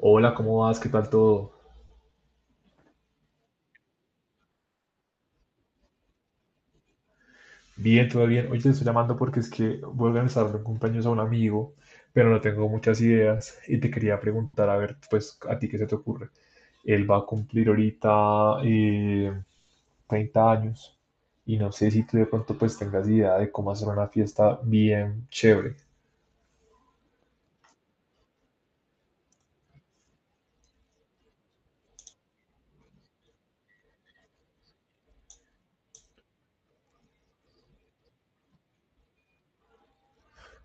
Hola, ¿cómo vas? ¿Qué tal todo? Bien, todo bien. Hoy te estoy llamando porque es que voy a organizar un cumpleaños a un amigo, pero no tengo muchas ideas y te quería preguntar, a ver, pues, ¿a ti qué se te ocurre? Él va a cumplir ahorita 30 años y no sé si tú de pronto pues tengas idea de cómo hacer una fiesta bien chévere.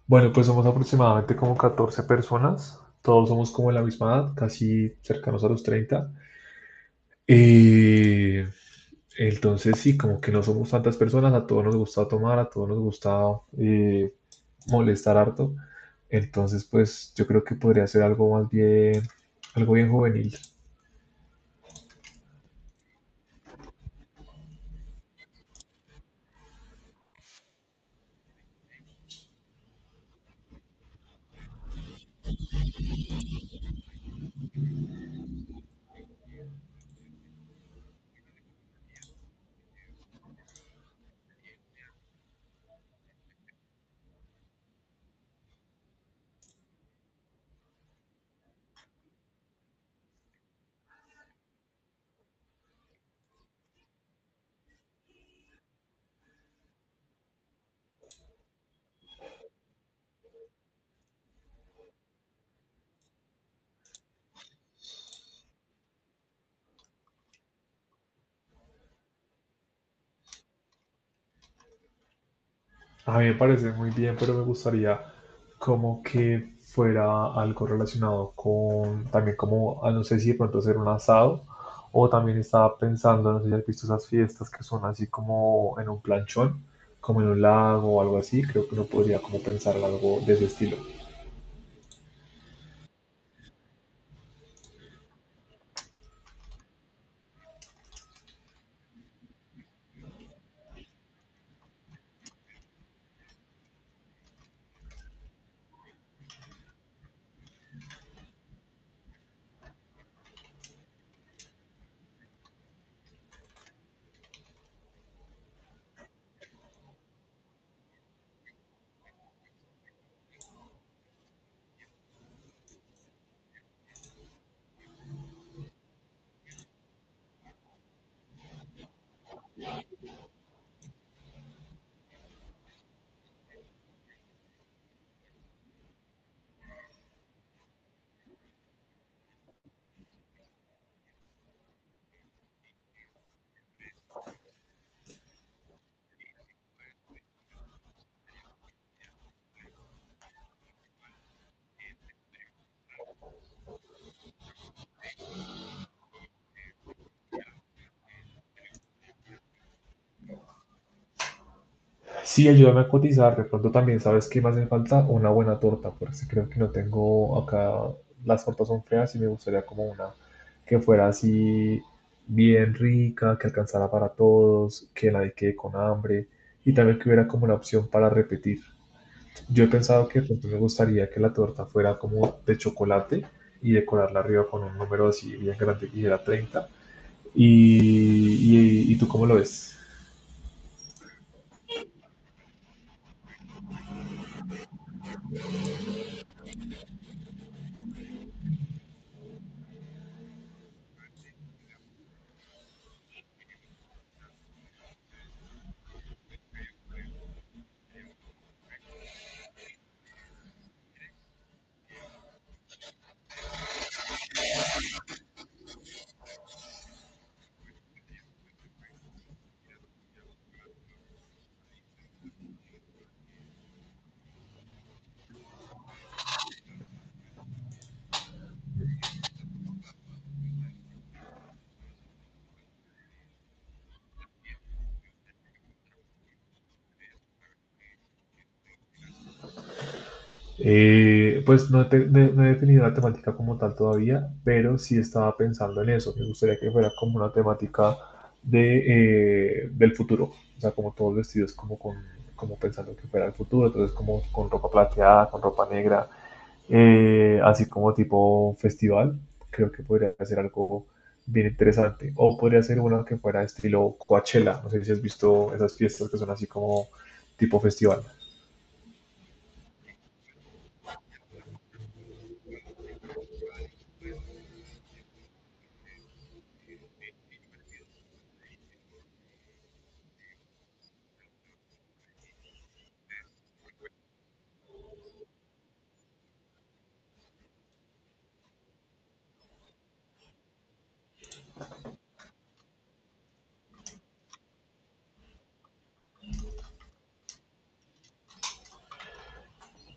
Bueno, pues somos aproximadamente como 14 personas, todos somos como de la misma edad, casi cercanos a los 30. Eh, entonces sí, como que no somos tantas personas, a todos nos gusta tomar, a todos nos gusta eh, molestar harto. Entonces, pues yo creo que podría ser algo más bien, algo bien juvenil. A mí me parece muy bien, pero me gustaría como que fuera algo relacionado con también como, ah, no sé si de pronto hacer un asado o también estaba pensando, no sé si has visto esas fiestas que son así como en un planchón, como en un lago o algo así, creo que uno podría como pensar en algo de ese estilo. Sí, ayúdame a cotizar. De pronto también, ¿sabes qué me hace falta? Una buena torta, porque sí creo que no tengo acá. Las tortas son feas y me gustaría como una que fuera así bien rica, que alcanzara para todos, que nadie quede con hambre y también que hubiera como una opción para repetir. Yo he pensado que de pronto me gustaría que la torta fuera como de chocolate y decorarla arriba con un número así bien grande que era 30. ¿Y tú cómo lo ves? No he definido la temática como tal todavía, pero sí estaba pensando en eso. Me gustaría que fuera como una temática de, del futuro, o sea, como todos vestidos como, con, como pensando que fuera el futuro, entonces como con ropa plateada, con ropa negra, así como tipo festival. Creo que podría ser algo bien interesante. O podría ser una que fuera estilo Coachella. No sé si has visto esas fiestas que son así como tipo festival.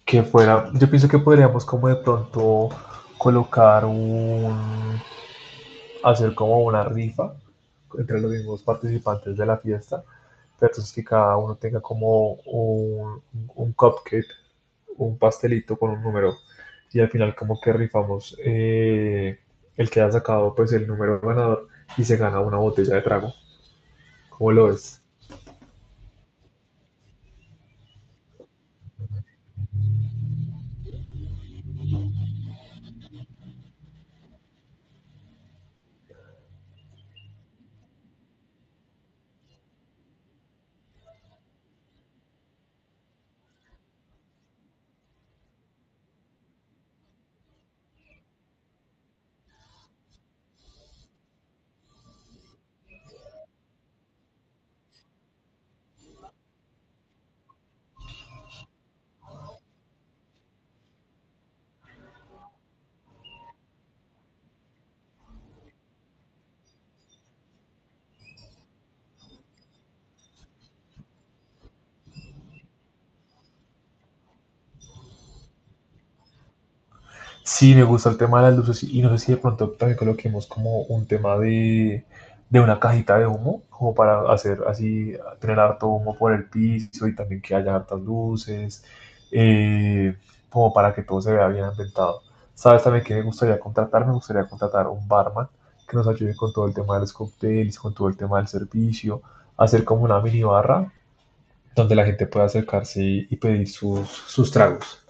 Que fuera, yo pienso que podríamos como de pronto colocar un, hacer como una rifa entre los mismos participantes de la fiesta, pero entonces que cada uno tenga como un cupcake, un pastelito con un número, y al final como que rifamos el que haya sacado pues el número ganador y se gana una botella de trago. ¿Cómo lo ves? Sí, me gusta el tema de las luces y no sé si de pronto también coloquemos como un tema de una cajita de humo, como para hacer así, tener harto humo por el piso y también que haya hartas luces, eh, como para que todo se vea bien ambientado. ¿Sabes también que me gustaría contratar? Me gustaría contratar un barman que nos ayude con todo el tema de los cócteles, con todo el tema del servicio, hacer como una mini barra donde la gente pueda acercarse y pedir sus tragos.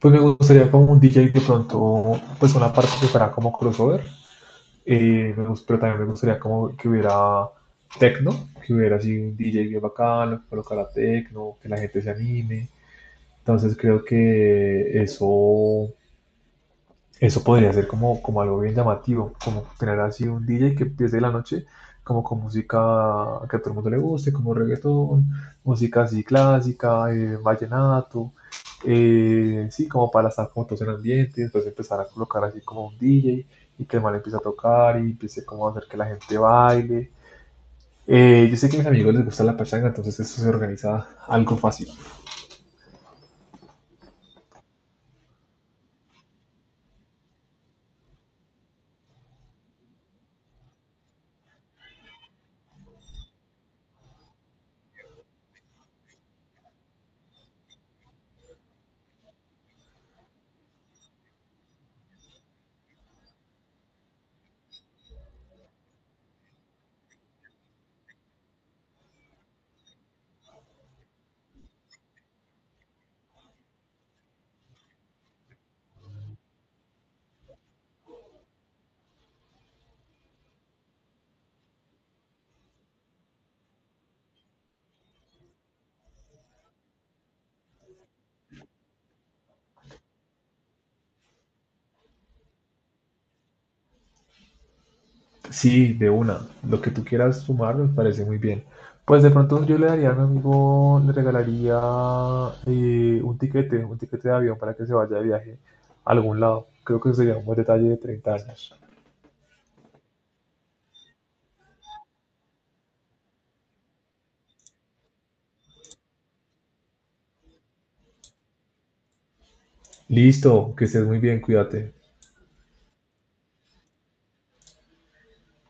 Pues me gustaría como un DJ de pronto, pues una parte que fuera como crossover, pero también me gustaría como que hubiera techno, que hubiera así un DJ bien bacano, que colocara techno, que la gente se anime. Entonces creo que eso podría ser como, como algo bien llamativo, como tener así un DJ que empiece la noche como con música que a todo el mundo le guste, como reggaetón, música así clásica, vallenato, sí, como para estar como todos en ambiente, después empezar a colocar así como un DJ y que el man empiece a tocar y empiece como a hacer que la gente baile. Yo sé que a mis amigos les gusta la pachanga, entonces eso se organiza algo fácil. Sí, de una. Lo que tú quieras sumar me parece muy bien. Pues de pronto yo le daría a mi amigo, le regalaría un tiquete de avión para que se vaya de viaje a algún lado. Creo que sería un buen detalle de 30 años. Listo, que estés muy bien, cuídate.